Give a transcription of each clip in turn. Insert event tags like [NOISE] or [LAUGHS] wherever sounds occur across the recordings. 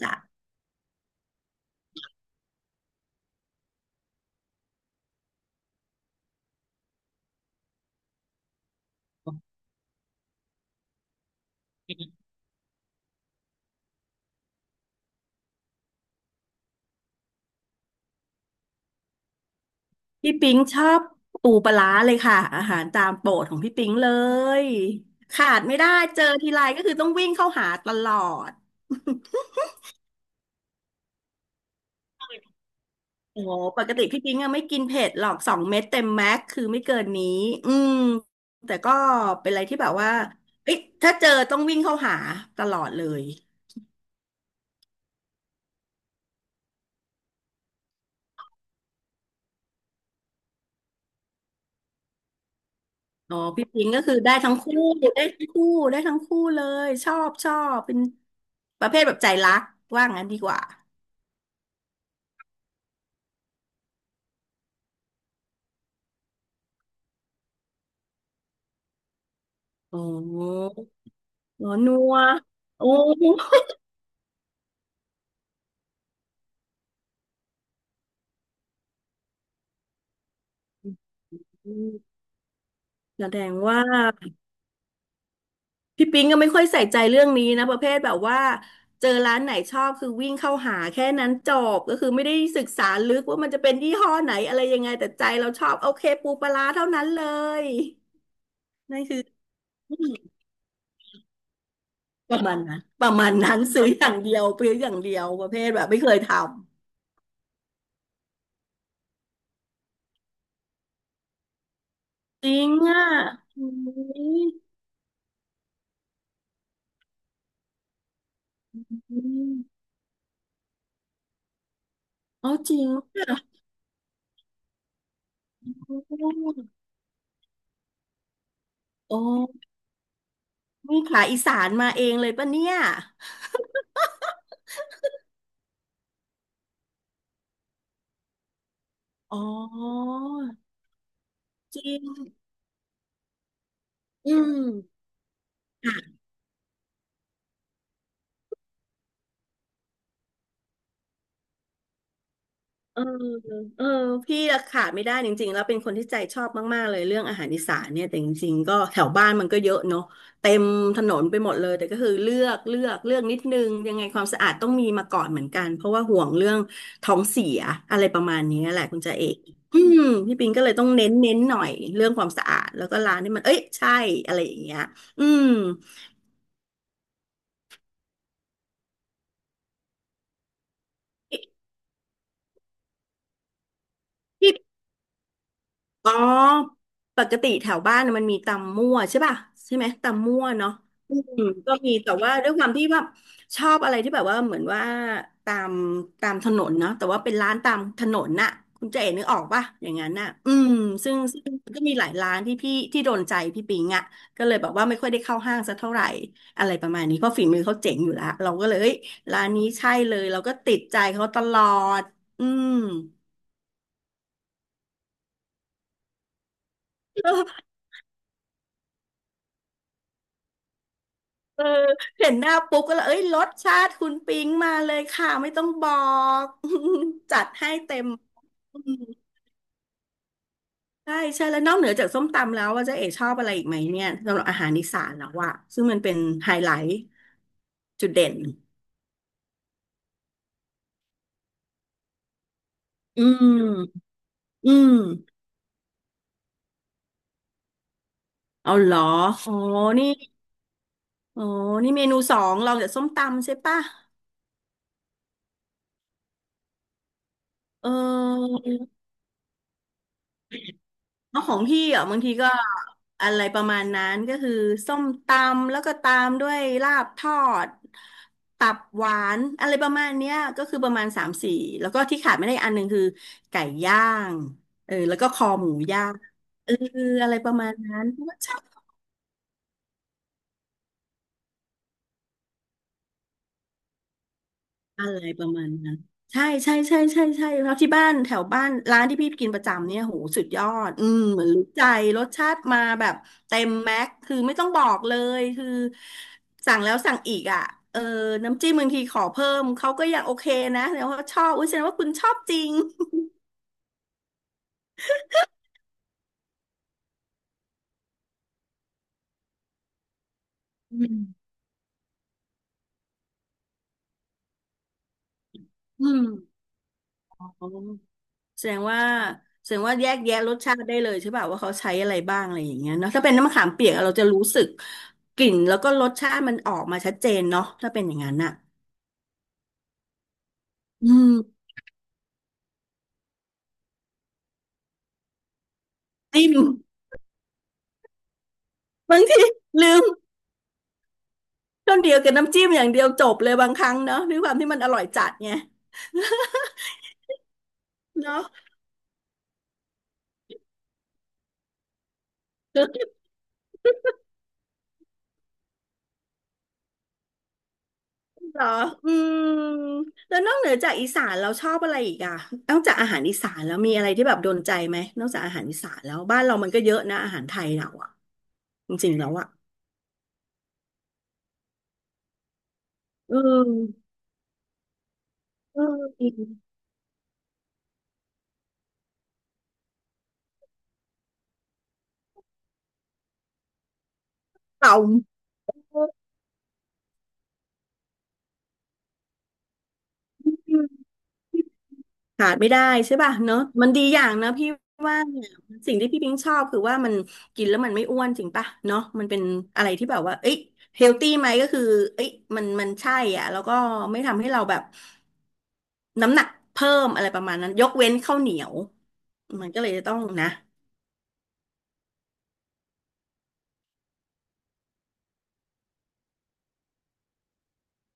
จ้ะพี่ปิ๊งชอบปูปลาร้าเลยค่ะอาหารตามโปรดของพี่ปิ๊งเลยขาดไม่ได้เจอทีไรก็คือต้องวิ่งเข้าหาตลอด [LAUGHS] โอ้โหปกติพี่ปิ๊งอะไม่กินเผ็ดหรอกสองเม็ดเต็มแม็กคือไม่เกินนี้อืมแต่ก็เป็นอะไรที่แบบว่าเอ้ยถ้าเจอต้องวิ่งเข้าหาตลอดเลยอ๋อพี่ปิ๊งก็คือได้ทั้งคู่ได้ทั้งคู่ได้ทั้งคู่เลยชอบชอบเป็นประเภทแบบใจรักว่างั้นดีกว่าโอ้ หรอนัวโอ้อืมแสดงว่าพี่ปิ๊งก็ไม่ค่อยใส่ใจเรื่องนี้นะประเภทแบบว่าเจอร้านไหนชอบคือวิ่งเข้าหาแค่นั้นจบก็คือไม่ได้ศึกษาลึกว่ามันจะเป็นยี่ห้อไหนอะไรยังไงแต่ใจเราชอบโอเคปูปลาร้าเท่านั้นเลยนั่นคือประมาณนั้นประมาณนั้นซื้ออย่างเดียวซื้ออย่างเดียวประเภทแบบไม่เคยทำจริงอ่ะอืมอมอ๋อจริงอ่ะโอ้ นี่ขาอีสานมาเองเลยปะเนี่ยอ๋อจริงอืมค่ะเออเออพี่อะขาดไม่ได้จริงๆแล้วเป็นคนที่ใจชอบมากๆเลยเรื่องอาหารอีสานเนี่ยแต่จริงๆก็แถวบ้านมันก็เยอะเนาะเต็มถนนไปหมดเลยแต่ก็คือเลือกเลือกนิดนึงยังไงความสะอาดต้องมีมาก่อนเหมือนกันเพราะว่าห่วงเรื่องท้องเสียอะไรประมาณนี้แหละคุณจ่าเอกอืมพี่ปิงก็เลยต้องเน้นหน่อยเรื่องความสะอาดแล้วก็ร้านที่มันเอ้ยใช่อะไรอย่างเงี้ยอืมพี่ อ๋อปกติแถวบ้านน่ะมันมีตำมั่วใช่ป่ะใช่ไหมตำมั่วเนาะอืมก็มีแต่ว่าด้วยความที่แบบชอบอะไรที่แบบว่าเหมือนว่าตามถนนเนาะแต่ว่าเป็นร้านตามถนนน่ะคุณเจ๋นึกออกป่ะอย่างนั้นน่ะอืมซึ่งก็มีหลายร้านที่พี่ที่โดนใจพี่ปิงอ่ะก็เลยแบบว่าไม่ค่อยได้เข้าห้างสักเท่าไหร่อะไรประมาณนี้เพราะฝีมือเขาเจ๋งอยู่แล้วเราก็เลยเอ้ยร้านนี้ใช่เลยเราก็ติดใจเขาตลอดอืม เออเห็นหน้าปุ๊บก็เลยเอ้ยรสชาติคุณปิ๊งมาเลยค่ะไม่ต้องบอก [LAUGHS] จัดให้เต็มอืมใช่ใช่แล้วนอกเหนือจากส้มตำแล้วว่าเจ๊เอ๋ชอบอะไรอีกไหมเนี่ยสำหรับอาหารอีสานแล้วว่าซึ่งมันเป็นไฮไลท์จุดเด่นอืมอืมเอาเหรออ๋อนี่อ๋อนี่เมนูสองรองจากส้มตำใช่ปะเออ แล้วของพี่อ่ะบางทีก็อะไรประมาณนั้นก็คือส้มตำแล้วก็ตามด้วยลาบทอดตับหวานอะไรประมาณเนี้ยก็คือประมาณสามสี่แล้วก็ที่ขาดไม่ได้อันหนึ่งคือไก่ย่างเออแล้วก็คอหมูย่างเอออะไรประมาณนั้น อะไรประมาณนั้นใช่ใช่ใช่ใช่ใช่ครับที่บ้านแถวบ้านร้านที่พี่กินประจำเนี่ยโหสุดยอดอืมเหมือนรู้ใจรสชาติมาแบบเต็มแม็กคือไม่ต้องบอกเลยคือสั่งแล้วสั่งอีกอ่ะเออน้ำจิ้มบางทีขอเพิ่มเขาก็ยังโอเคนะแสดงว่าชอบอุ้ยแสดงว่าคุณชอบจริงอืมอืมอ๋อ แสดงว่าแสดงว่าแยกแยะรสชาติได้เลยใช่ป่ะว่าเขาใช้อะไรบ้างอะไรอย่างเงี้ยเนาะถ้าเป็นน้ำมะขามเปียกเราจะรู้สึกกลิ่นแล้วก็รสชาติมันออกมาชัดเจนเนาะถ้าเป็นอย่างนั้นน่ะอืมจิ้มบางทีลืมต้นเดียวกับน้ำจิ้มอย่างเดียวจบเลยบางครั้งเนาะด้วยความที่มันอร่อยจัดไงเนาะเหรออืมแล้วนอกเหนือจากอีสานเราชอบอะไรอีกอะนอกจากอาหารอีสานแล้วมีอะไรที่แบบโดนใจไหมนอกจากอาหารอีสานแล้วบ้านเรามันก็เยอะนะอาหารไทยเราอะจริงๆแล้วอะอืม อืมเต่าขาดไม่ได้ใช่ป่ะเนอะมันดีอย่างนะพี่ว่าเนี่ยสิ่งที่พี่พิงชอบคือว่ามันกินแล้วมันไม่อ้วนจริงป่ะเนอะมันเป็นอะไรที่แบบว่าเอ้ยเฮลตี้ไหมก็คือเอ้ยมันใช่อ่ะแล้วก็ไม่ทำให้เราแบบน้ำหนักเพิ่มอะไรประมาณนั้นยกเว้นข้าวเหนียวมันก็เลยจะต้องนะ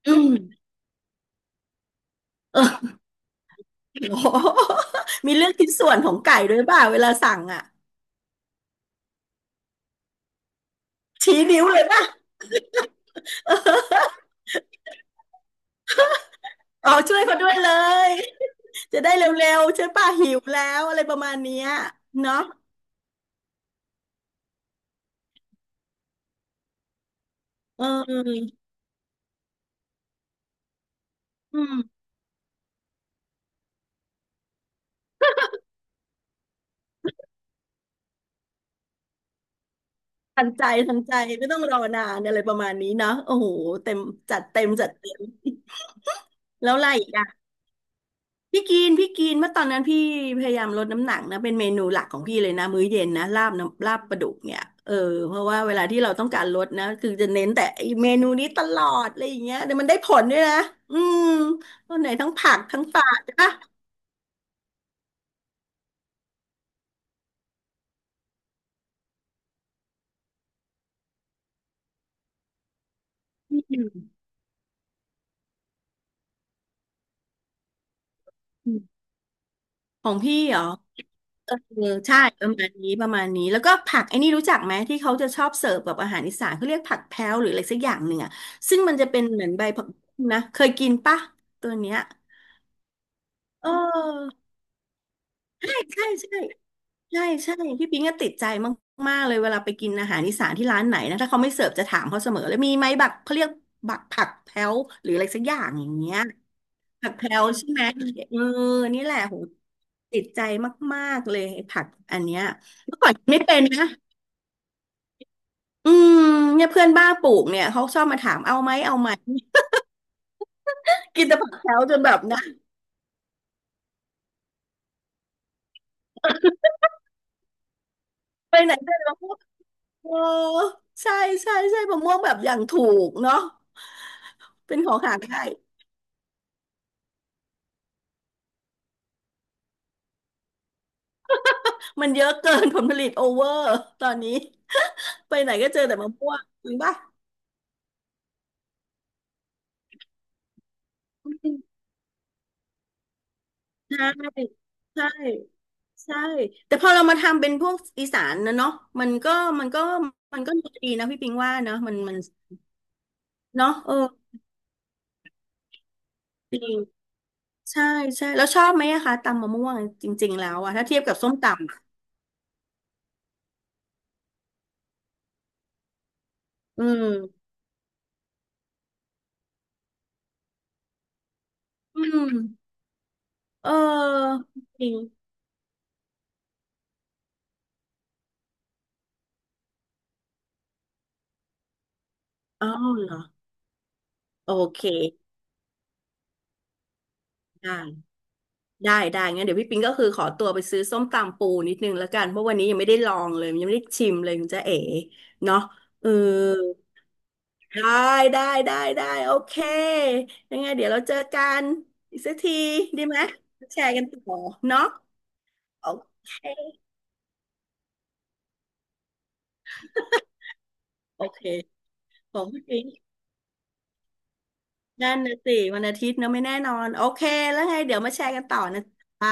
อืมเออโอ้โหมีเรื่องชิ้นส่วนของไก่ด้วยป่ะเวลาสั่งอ่ะชี้นิ้วเลยป่ะ [LAUGHS] อ๋อช่วยเขาด้วยเลย จะได้เร็วๆใช่ป่ะหิวแล้วอะไรประมาณเนี้ยเนาะเอออืมทันใจทันใจไม่ต้องรอนานอะไรประมาณนี้เนาะโอ้โหเต็มจัดเต็มจัดเต็มแล้วอะไรอีกอ่ะพี่กินเมื่อตอนนั้นพี่พยายามลดน้ำหนักนะเป็นเมนูหลักของพี่เลยนะมื้อเย็นนะลาบน้ำลาบปลาดุกเนี่ยเออเพราะว่าเวลาที่เราต้องการลดนะคือจะเน้นแต่ไอ้เมนูนี้ตลอดอะไรอย่างเงี้ยแต่มันได้ผลด้วยนะอืมตอนไหนทั้งผักทั้งปลาใช่ปะอืมของพี่เหรอ เออใช่ประมาณนี้แล้วก็ผักไอ้นี่รู้จักไหมที่เขาจะชอบเสิร์ฟแบบอาหารอีสานเขาเรียกผักแพ้วหรืออะไรสักอย่างหนึ่งอ่ะซึ่งมันจะเป็นเหมือนใบผักบุ้งนะเคยกินปะตัวเนี้ยเออใช่ใช่ใช่ใช่ใช่พี่ปิงก็ติดใจมากๆเลยเวลาไปกินอาหารอีสานที่ร้านไหนนะถ้าเขาไม่เสิร์ฟจะถามเขาเสมอเลยมีไหมบักเขาเรียกบักผักแพ้วหรืออะไรสักอย่างอย่างเงี้ยผักแพลวใช่ไหมเออนี่แหละโหติดใจมากๆเลยไอ้ผักอันเนี้ยเมื่อก่อนกินไม่เป็นนะ อืมเนี่ยเพื่อนบ้าปลูกเนี่ยเขาชอบมาถามเอาไหมเอาไหม [LAUGHS] กินแต่ผักแถวจนแบบนะไปไหนไปมะม่วงเออใช่ใช่ใช่มะม่วงแบบอย่างถูกเนาะเป็นของหาง่ายมันเยอะเกินผลผลิตโอเวอร์ตอนนี้ไปไหนก็เจอแต่มะม่วงจริงปะใช่ใช่ใช่แต่พอเรามาทำเป็นพวกอีสานนะเนาะมันก็มันก็มันก็ดีนะพี่ปิงว่าเนาะมันเนาะเออดี ใช่ใช่แล้วชอบไหมอะคะตำมะม่วงจริงๆแล้วอะถ้าเทียบกับส้มตำอะอืมอืมเออจริงอ้าวเหรอโอเคได้ได้ได้งั้นเดี๋ยวพี่ปิงก็คือขอตัวไปซื้อส้มตำปูนิดนึงแล้วกันเพราะวันนี้ยังไม่ได้ลองเลยยังไม่ได้ชิมเลยคุณจ๊ะเอ๋เนาะเออได้ได้ได้ได้โอเคยังไงเดี๋ยวเราเจอกันอีกสักทีดีไหมแชร์กันต่อเนาะโอเคโอเคของพี่ปิง นั่นนะสิวันอาทิตย์เนอะไม่แน่นอนโอเคแล้วไงเดี๋ยวมาแชร์กันต่อนะคะ